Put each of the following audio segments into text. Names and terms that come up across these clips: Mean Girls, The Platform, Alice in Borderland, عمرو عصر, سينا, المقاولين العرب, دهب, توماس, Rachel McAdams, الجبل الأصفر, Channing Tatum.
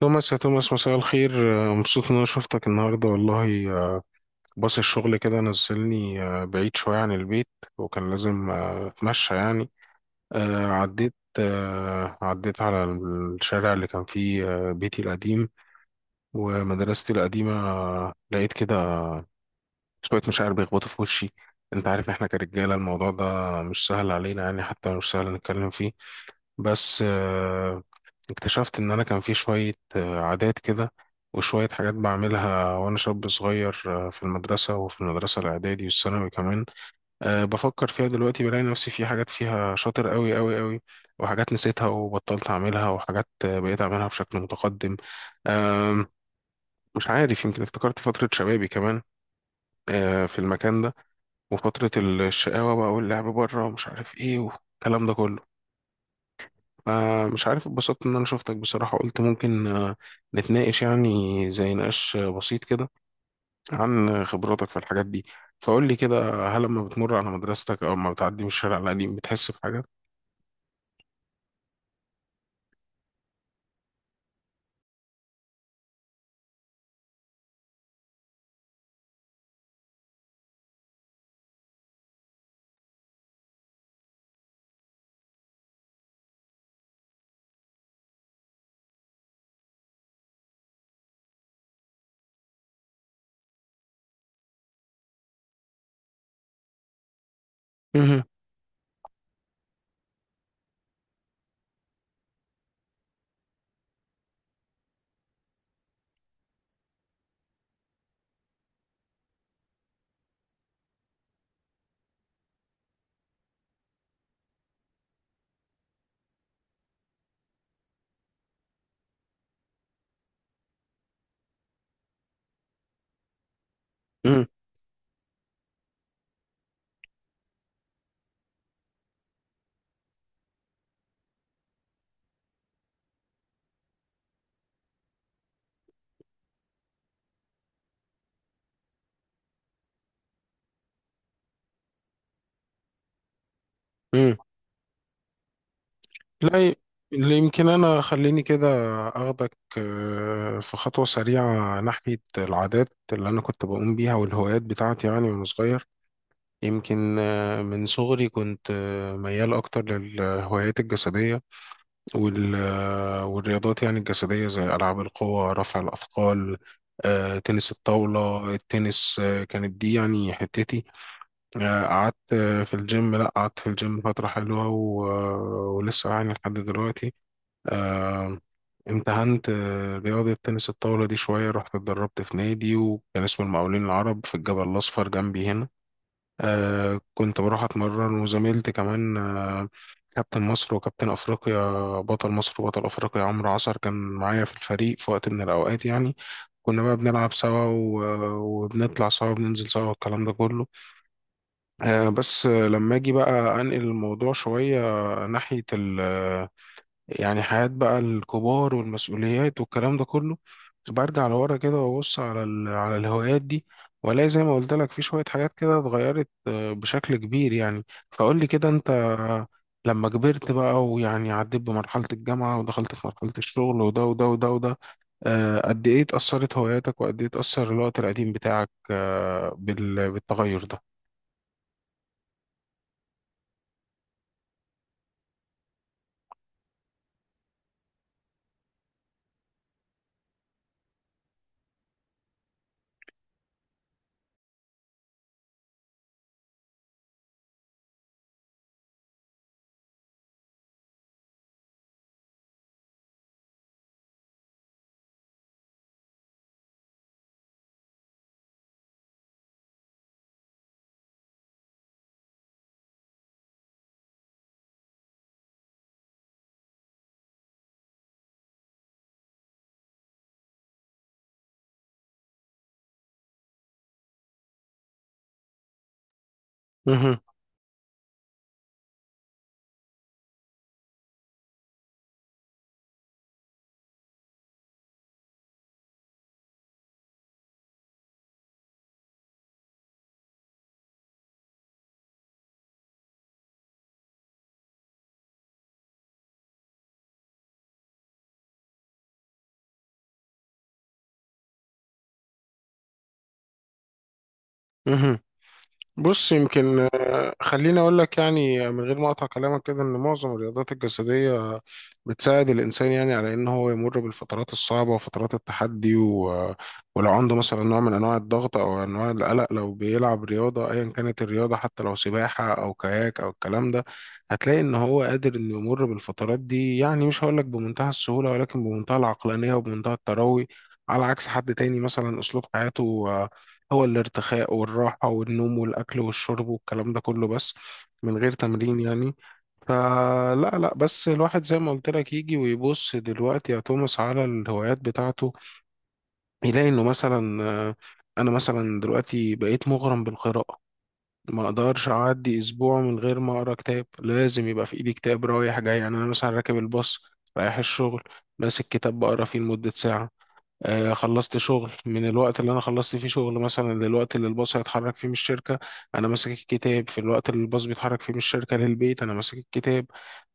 توماس يا توماس، مساء الخير. مبسوط ان انا شفتك النهارده والله. باص الشغل كده نزلني بعيد شويه عن البيت، وكان لازم اتمشى يعني. عديت على الشارع اللي كان فيه بيتي القديم ومدرستي القديمه. لقيت كده شويه مشاعر بيخبطوا في وشي. انت عارف احنا كرجاله الموضوع ده مش سهل علينا، يعني حتى مش سهل نتكلم فيه. بس اكتشفت ان انا كان في شوية عادات كده، وشوية حاجات بعملها وانا شاب صغير في المدرسة، وفي المدرسة الاعدادي والثانوي كمان. بفكر فيها دلوقتي بلاقي نفسي في حاجات فيها شاطر قوي قوي قوي، وحاجات نسيتها وبطلت اعملها، وحاجات بقيت اعملها بشكل متقدم. أه مش عارف، يمكن افتكرت فترة شبابي كمان في المكان ده، وفترة الشقاوة بقى واللعب بره ومش عارف ايه والكلام ده كله. مش عارف، اتبسطت ان انا شفتك بصراحة. قلت ممكن نتناقش، يعني زي نقاش بسيط كده عن خبراتك في الحاجات دي. فقول لي كده، هل لما بتمر على مدرستك او لما بتعدي من الشارع القديم بتحس بحاجة؟ مهم. مهم. مهم. لا، اللي يمكن انا خليني كده اخدك في خطوة سريعة ناحية العادات اللي انا كنت بقوم بيها والهوايات بتاعتي، يعني وانا صغير. يمكن من صغري كنت ميال اكتر للهوايات الجسدية وال والرياضات، يعني الجسدية، زي ألعاب القوى، رفع الأثقال، تنس الطاولة، التنس. كانت دي يعني حتتي. آه، قعدت آه، في الجيم لا قعدت في الجيم فترة حلوة، ولسه يعني لحد دلوقتي. آه، امتهنت رياضة تنس الطاولة دي شوية، رحت اتدربت في نادي، وكان اسمه المقاولين العرب في الجبل الأصفر جنبي هنا. كنت بروح اتمرن، وزميلتي كمان، كابتن مصر وكابتن افريقيا، بطل مصر وبطل افريقيا، عمرو عصر، كان معايا في الفريق في وقت من الاوقات يعني. كنا بقى بنلعب سوا، وبنطلع سوا وبننزل سوا والكلام ده كله. بس لما اجي بقى انقل الموضوع شوية ناحية يعني حياة بقى الكبار والمسؤوليات والكلام ده كله، برجع لورا كده وابص على على الهوايات دي، والاقي زي ما قلت لك في شوية حاجات كده اتغيرت بشكل كبير يعني. فقول لي كده، انت لما كبرت بقى ويعني عديت بمرحلة الجامعة ودخلت في مرحلة الشغل وده وده وده وده، قد ايه اتأثرت هواياتك، وقد ايه اتأثر الوقت القديم بتاعك بالتغير ده؟ مهم. مهم. بص، يمكن خليني أقول لك، يعني من غير ما أقطع كلامك كده، إن معظم الرياضات الجسدية بتساعد الإنسان يعني على إن هو يمر بالفترات الصعبة وفترات التحدي. ولو عنده مثلا نوع من أنواع الضغط أو أنواع القلق، لو بيلعب رياضة أيا كانت الرياضة، حتى لو سباحة أو كاياك أو الكلام ده، هتلاقي إن هو قادر إنه يمر بالفترات دي، يعني مش هقول لك بمنتهى السهولة، ولكن بمنتهى العقلانية وبمنتهى التروي، على عكس حد تاني مثلا أسلوب حياته هو الارتخاء والراحة والنوم والأكل والشرب والكلام ده كله بس، من غير تمرين يعني. فلا لا، بس الواحد زي ما قلت لك يجي ويبص دلوقتي يا توماس على الهوايات بتاعته، يلاقي إنه مثلا، أنا مثلا دلوقتي بقيت مغرم بالقراءة. ما أقدرش أعدي أسبوع من غير ما أقرأ كتاب. لازم يبقى في إيدي كتاب رايح جاي، يعني أنا مثلا راكب الباص رايح الشغل ماسك كتاب بقرا فيه لمدة ساعة. خلصت شغل، من الوقت اللي انا خلصت فيه شغل مثلا للوقت اللي الباص هيتحرك فيه من الشركه، انا ماسك الكتاب. في الوقت اللي الباص بيتحرك فيه من الشركه للبيت، انا ماسك الكتاب.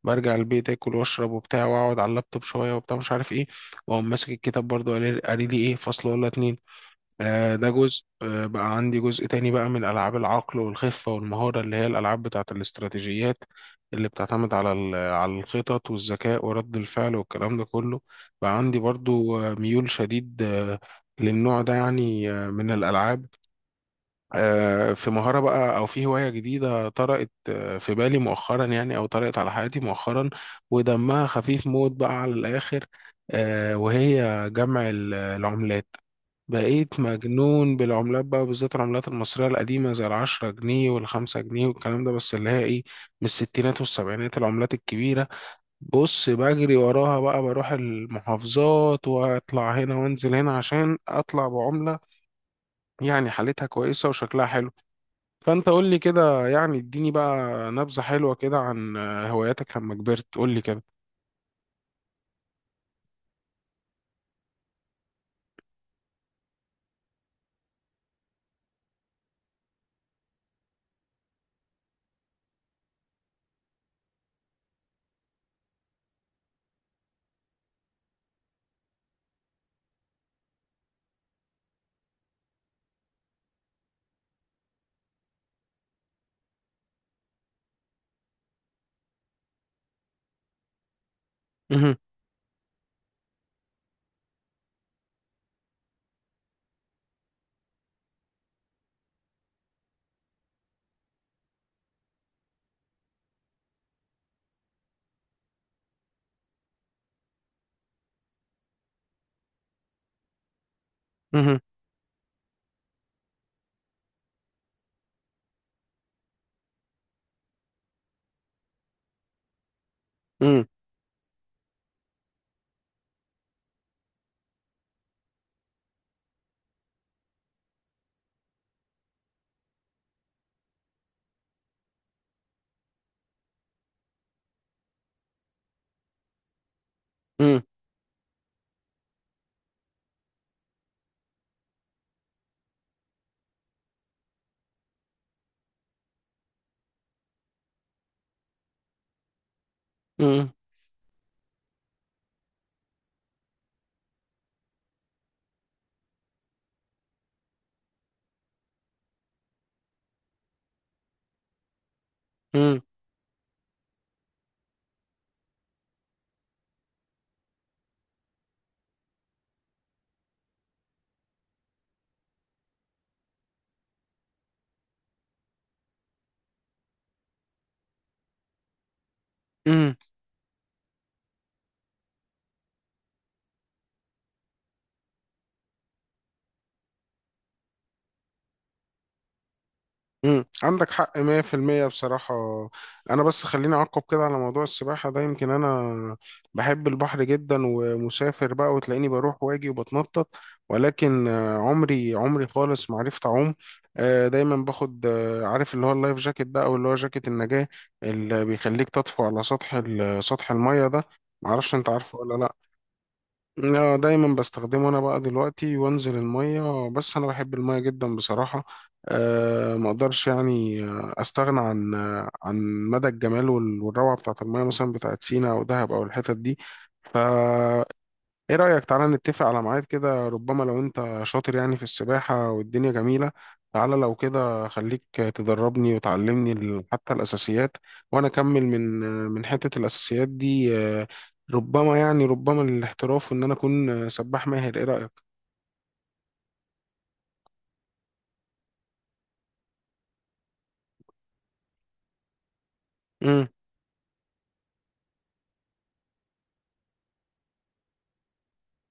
برجع البيت، اكل واشرب وبتاع، واقعد على اللابتوب شويه وبتاع، مش عارف ايه، واقوم ماسك الكتاب برضه قاري قاري لي ايه فصل ولا اتنين. ده جزء. بقى عندي جزء تاني بقى من ألعاب العقل والخفة والمهارة، اللي هي الألعاب بتاعة الاستراتيجيات، اللي بتعتمد على على الخطط والذكاء ورد الفعل والكلام ده كله. بقى عندي برضو ميول شديد للنوع ده، يعني من الألعاب. في مهارة بقى، أو في هواية جديدة طرقت في بالي مؤخرا، يعني أو طرقت على حياتي مؤخرا، ودمها خفيف موت بقى على الآخر، وهي جمع العملات. بقيت مجنون بالعملات بقى، بالذات العملات المصرية القديمة زي العشرة جنيه والخمسة جنيه والكلام ده، بس اللي هي إيه، من الستينات والسبعينات، العملات الكبيرة. بص، بجري وراها بقى، بروح المحافظات وأطلع هنا وأنزل هنا عشان أطلع بعملة يعني حالتها كويسة وشكلها حلو. فانت قول لي كده، يعني اديني بقى نبذة حلوة كده عن هواياتك لما كبرت. قول لي كده. مهم، مهم، مم، مم، مم، مم، مم. عندك حق 100%. بصراحة، أنا بس خليني أعقب كده على موضوع السباحة ده. يمكن أنا بحب البحر جدا، ومسافر بقى وتلاقيني بروح واجي وبتنطط، ولكن عمري عمري خالص ما عرفت أعوم. دايما باخد، عارف اللي هو اللايف جاكيت ده، أو اللي هو جاكيت النجاة، اللي بيخليك تطفو على سطح سطح المية ده. معرفش، أنت عارفه ولا لأ؟ لا، دايما بستخدمه انا بقى دلوقتي وانزل المية، بس انا بحب المية جدا بصراحة. ما اقدرش يعني استغنى عن مدى الجمال والروعة بتاعت المية، مثلا بتاعت سينا او دهب او الحتت دي. ف ايه رأيك، تعالى نتفق على ميعاد كده، ربما لو انت شاطر يعني في السباحة والدنيا جميلة، تعالى لو كده خليك تدربني وتعلمني حتى الأساسيات، وانا اكمل من حتة الأساسيات دي، ربما يعني ربما للاحتراف، وان انا اكون سباح ماهر. ايه رأيك؟ امم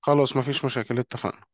خلاص، مفيش مشاكل، اتفقنا.